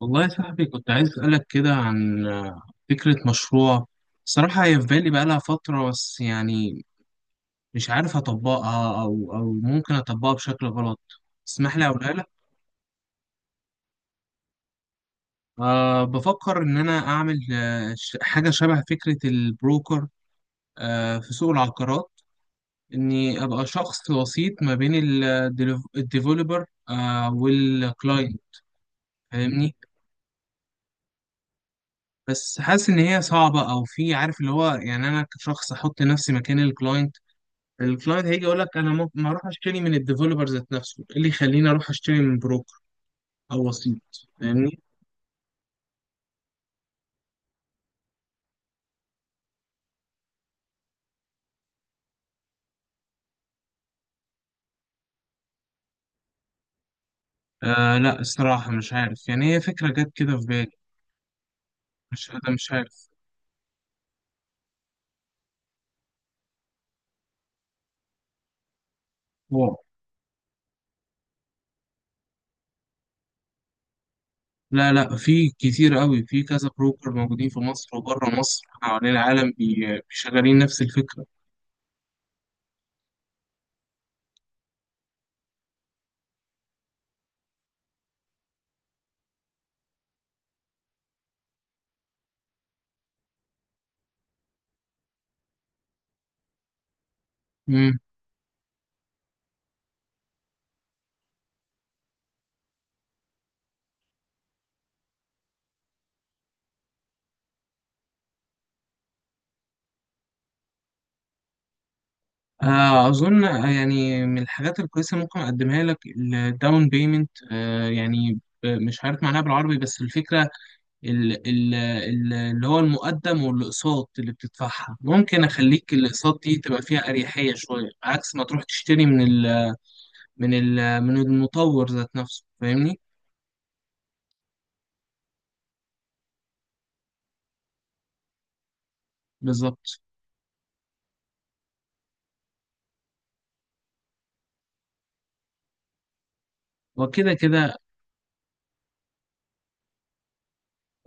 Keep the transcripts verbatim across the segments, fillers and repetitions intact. والله يا صاحبي، كنت عايز أسألك كده عن آه، فكرة مشروع. صراحة هي في بالي بقالها فترة، بس يعني مش عارف أطبقها أو أو ممكن أطبقها بشكل غلط. اسمح لي أقولها لك. أه بفكر إن أنا أعمل آه، ش- حاجة شبه فكرة البروكر أه في سوق العقارات، إني أبقى شخص وسيط ما بين ال- الديفولبر أه والكلاينت، فاهمني؟ بس حاسس إن هي صعبة، أو في، عارف اللي هو، يعني أنا كشخص أحط نفسي مكان الكلاينت. الكلاينت هيجي يقول لك، انا ممكن ما اروح اشتري من الديفلوبر ذات نفسه، ايه اللي يخليني اروح اشتري من بروكر او وسيط؟ فاهمني؟ آه لا الصراحه مش عارف، يعني هي فكره جت كده في بالي. مش، انا مش عارف. واو. لا، لا، في كتير قوي، في كذا بروكر موجودين في مصر وبره مصر حوالين العالم، بي- شغالين نفس الفكره. مم. آه اظن، آه، يعني من الحاجات الكويسه ممكن اقدمها لك الداون بيمنت. آه يعني آه، مش عارف معناها بالعربي، بس الفكره ال- ال- ال- اللي هو المقدم، والاقساط اللي بتدفعها ممكن اخليك الاقساط دي تبقى فيها اريحيه شويه، عكس ما تروح تشتري من ال من ال من المطور ذات نفسه، فاهمني؟ بالظبط. وكده كده،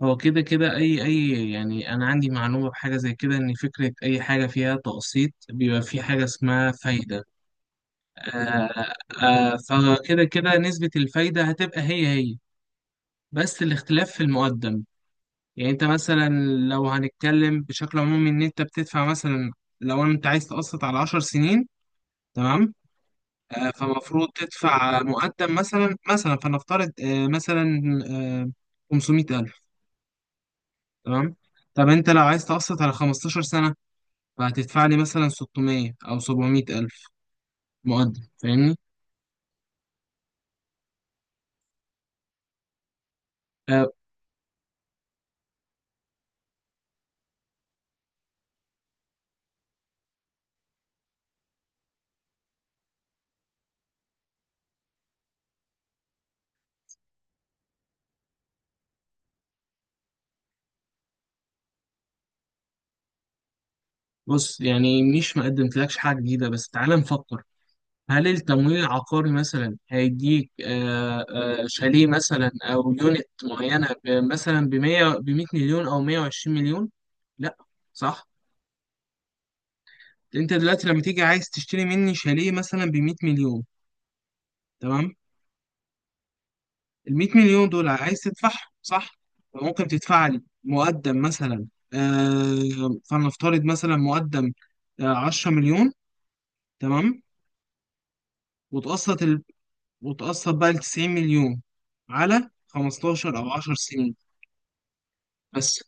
هو كده كده اي اي يعني انا عندي معلومه بحاجه زي كده، ان فكره اي حاجه فيها تقسيط بيبقى في حاجه اسمها فايده. آه. آه. فكده كده نسبه الفايده هتبقى هي هي، بس الاختلاف في المقدم. يعني انت مثلا، لو هنتكلم بشكل عمومي، ان انت بتدفع مثلا، لو انت عايز تقسط على عشر سنين، تمام. آه، فمفروض تدفع مقدم مثلا، مثلا فنفترض آه، مثلا آه، خمسمية ألف. تمام. طب انت لو عايز تقسط على خمستاشر سنة، فهتدفع لي مثلا ستمية او سبعمئة ألف مقدم، فاهمني؟ آه، بص، يعني مش ما قدمتلكش حاجة جديدة، بس تعالى نفكر. هل التمويل العقاري مثلا هيديك آه، آه، شاليه مثلا او يونت معينه، ب- مثلا ب ميه ب ميه مليون او مئة وعشرين مليون. لا، صح. انت دلوقتي لما تيجي عايز تشتري مني شاليه مثلا ب ميه مليون، تمام. ال ميه مليون دول عايز تدفعهم، صح. فممكن تدفع لي مقدم مثلا، آه، فلنفترض مثلا مقدم آه، عشر مليون، تمام. وتقسط ال... وتقسط بقى ال تسعين مليون على خمسة عشر او عشر سنين، بس.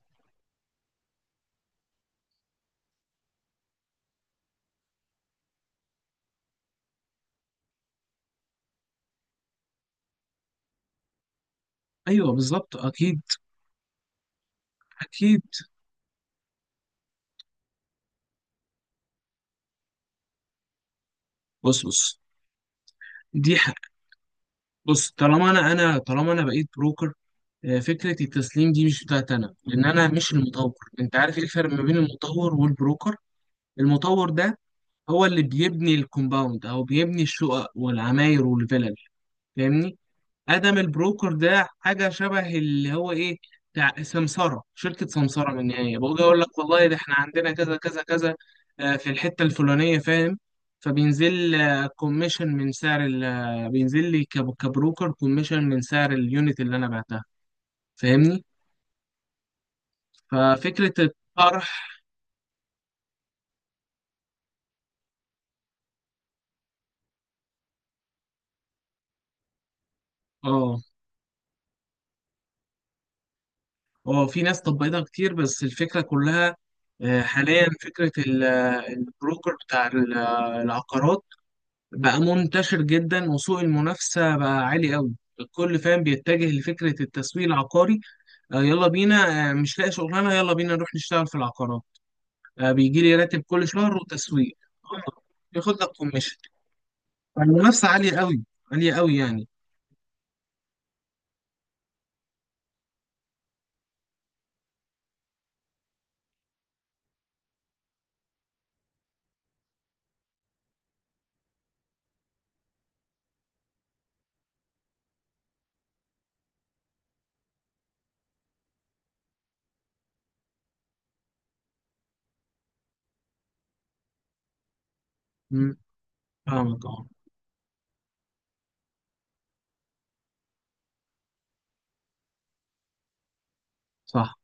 ايوه، بالظبط، اكيد اكيد. بص بص، دي حق. بص طالما انا انا طالما انا بقيت بروكر، آه، فكره التسليم دي مش بتاعت انا، لان انا مش المطور. انت عارف ايه الفرق ما بين المطور والبروكر؟ المطور ده هو اللي بيبني الكومباوند، او بيبني الشقق والعماير والفلل، فاهمني؟ ادم البروكر ده حاجه شبه اللي هو ايه، بتاع سمساره، شركه سمساره. من النهايه، بقول اقول لك والله، ده احنا عندنا كذا كذا كذا آه، في الحته الفلانيه، فاهم؟ فبينزل كوميشن من سعر ال- آه، بينزل لي كب- كبروكر كوميشن من سعر اليونت اللي انا بعتها، فاهمني؟ ففكره الطرح. اه، اه، في ناس طبقتها كتير، بس الفكره كلها آه، حاليا، فكره ال- آه، البروكر بتاع ال- آه، العقارات بقى منتشر جدا، وسوق المنافسة بقى عالي قوي. الكل فاهم، بيتجه لفكرة التسويق العقاري. آه يلا بينا، آه مش لاقي شغلانة، يلا بينا نروح نشتغل في العقارات، آه بيجي لي راتب كل شهر، وتسويق آه، ياخد لك كوميشن. فالمنافسة عالية قوي، عالية قوي، يعني. مم، فاهمك. اه، صح.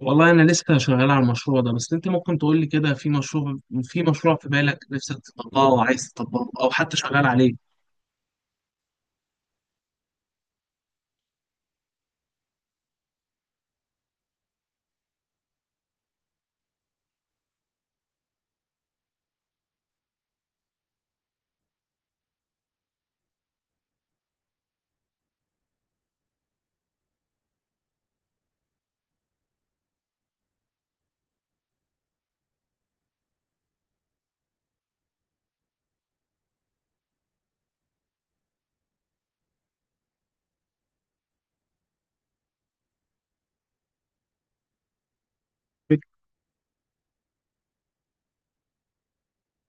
والله أنا لسه شغال على المشروع ده، بس أنت ممكن تقول لي كده، في مشروع، في مشروع في بالك نفسك تطبقه، أو عايز تطبقه، أو حتى شغال عليه؟ فك-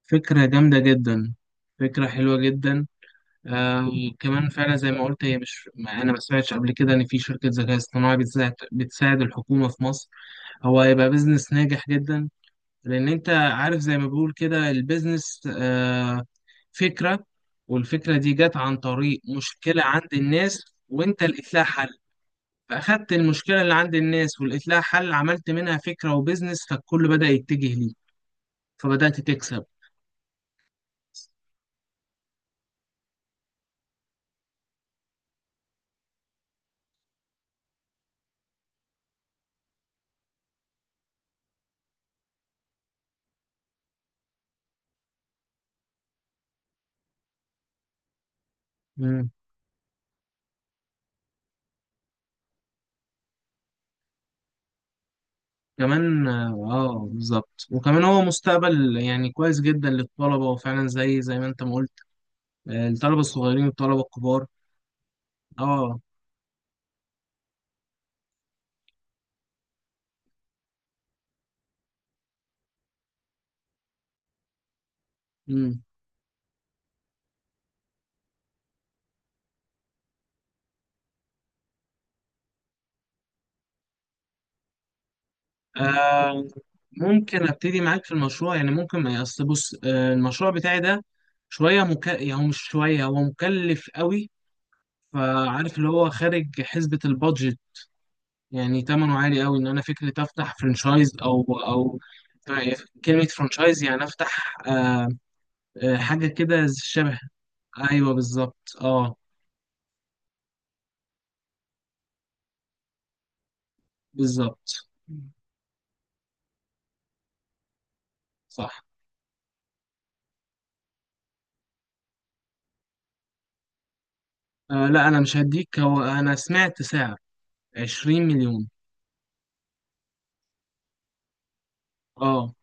فكرة جامدة جدا. فكرة حلوة جدا. آه، وكمان فعلا زي ما قلت، هي مش ما انا ما سمعتش قبل كده ان في شركه ذكاء اصطناعي بتساعد بتساعد الحكومه في مصر. هو هيبقى بيزنس ناجح جدا، لان انت عارف، زي ما بقول كده، البيزنس آه، فكره، والفكره دي جت عن طريق مشكله عند الناس، وانت لقيت لها حل. فاخدت المشكله اللي عند الناس ولقيت لها حل، عملت منها فكره وبيزنس، فالكل بدأ يتجه ليه، فبدأت تكسب. مم. كمان اه آه، بالظبط. وكمان هو مستقبل، يعني كويس جدا للطلبة، وفعلا زي زي ما انت ما قلت، آه، الطلبة الصغيرين والطلبة الكبار. اه. مم. آه، ممكن ابتدي معاك في المشروع، يعني ممكن، ما اصل، بص، آه، المشروع بتاعي ده شوية مك... يعني هو مش شوية، هو مكلف قوي، فعارف اللي هو خارج حسبة البادجت، يعني تمنه عالي قوي. ان انا فكرة افتح فرانشايز او او، طيب، كلمة فرانشايز يعني افتح آه، آه، حاجة كده شبه. ايوه بالظبط. اه بالظبط. صح. آه لا، انا مش هديك، هو انا سمعت سعر عشرين مليون. اه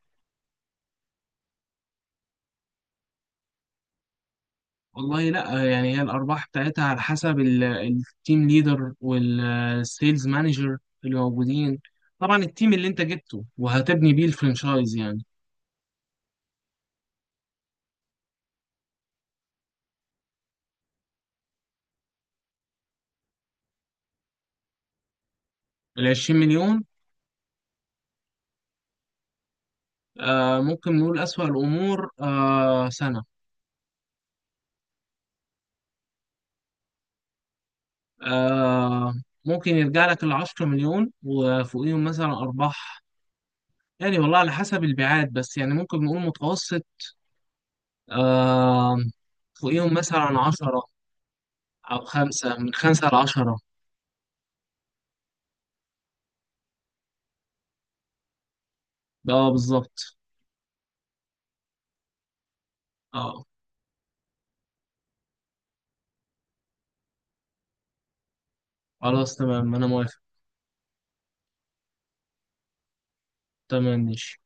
والله. لا آه، يعني هي الارباح بتاعتها على حسب ال- التيم ليدر والسيلز مانجر اللي موجودين. طبعا التيم اللي انت جبته وهتبني بيه الفرنشايز يعني. ال عشرين مليون آه ممكن نقول اسوأ الامور آه سنة. آه ممكن يرجع لك ال عشر مليون وفوقيهم مثلا ارباح. يعني والله على حسب البيعات، بس يعني ممكن نقول متوسط. آه فوقيهم مثلا عشرة، أو خمسة، من خمسة لعشرة. اه بالظبط. اه، خلاص تمام أنا موافق. تمام، ماشي.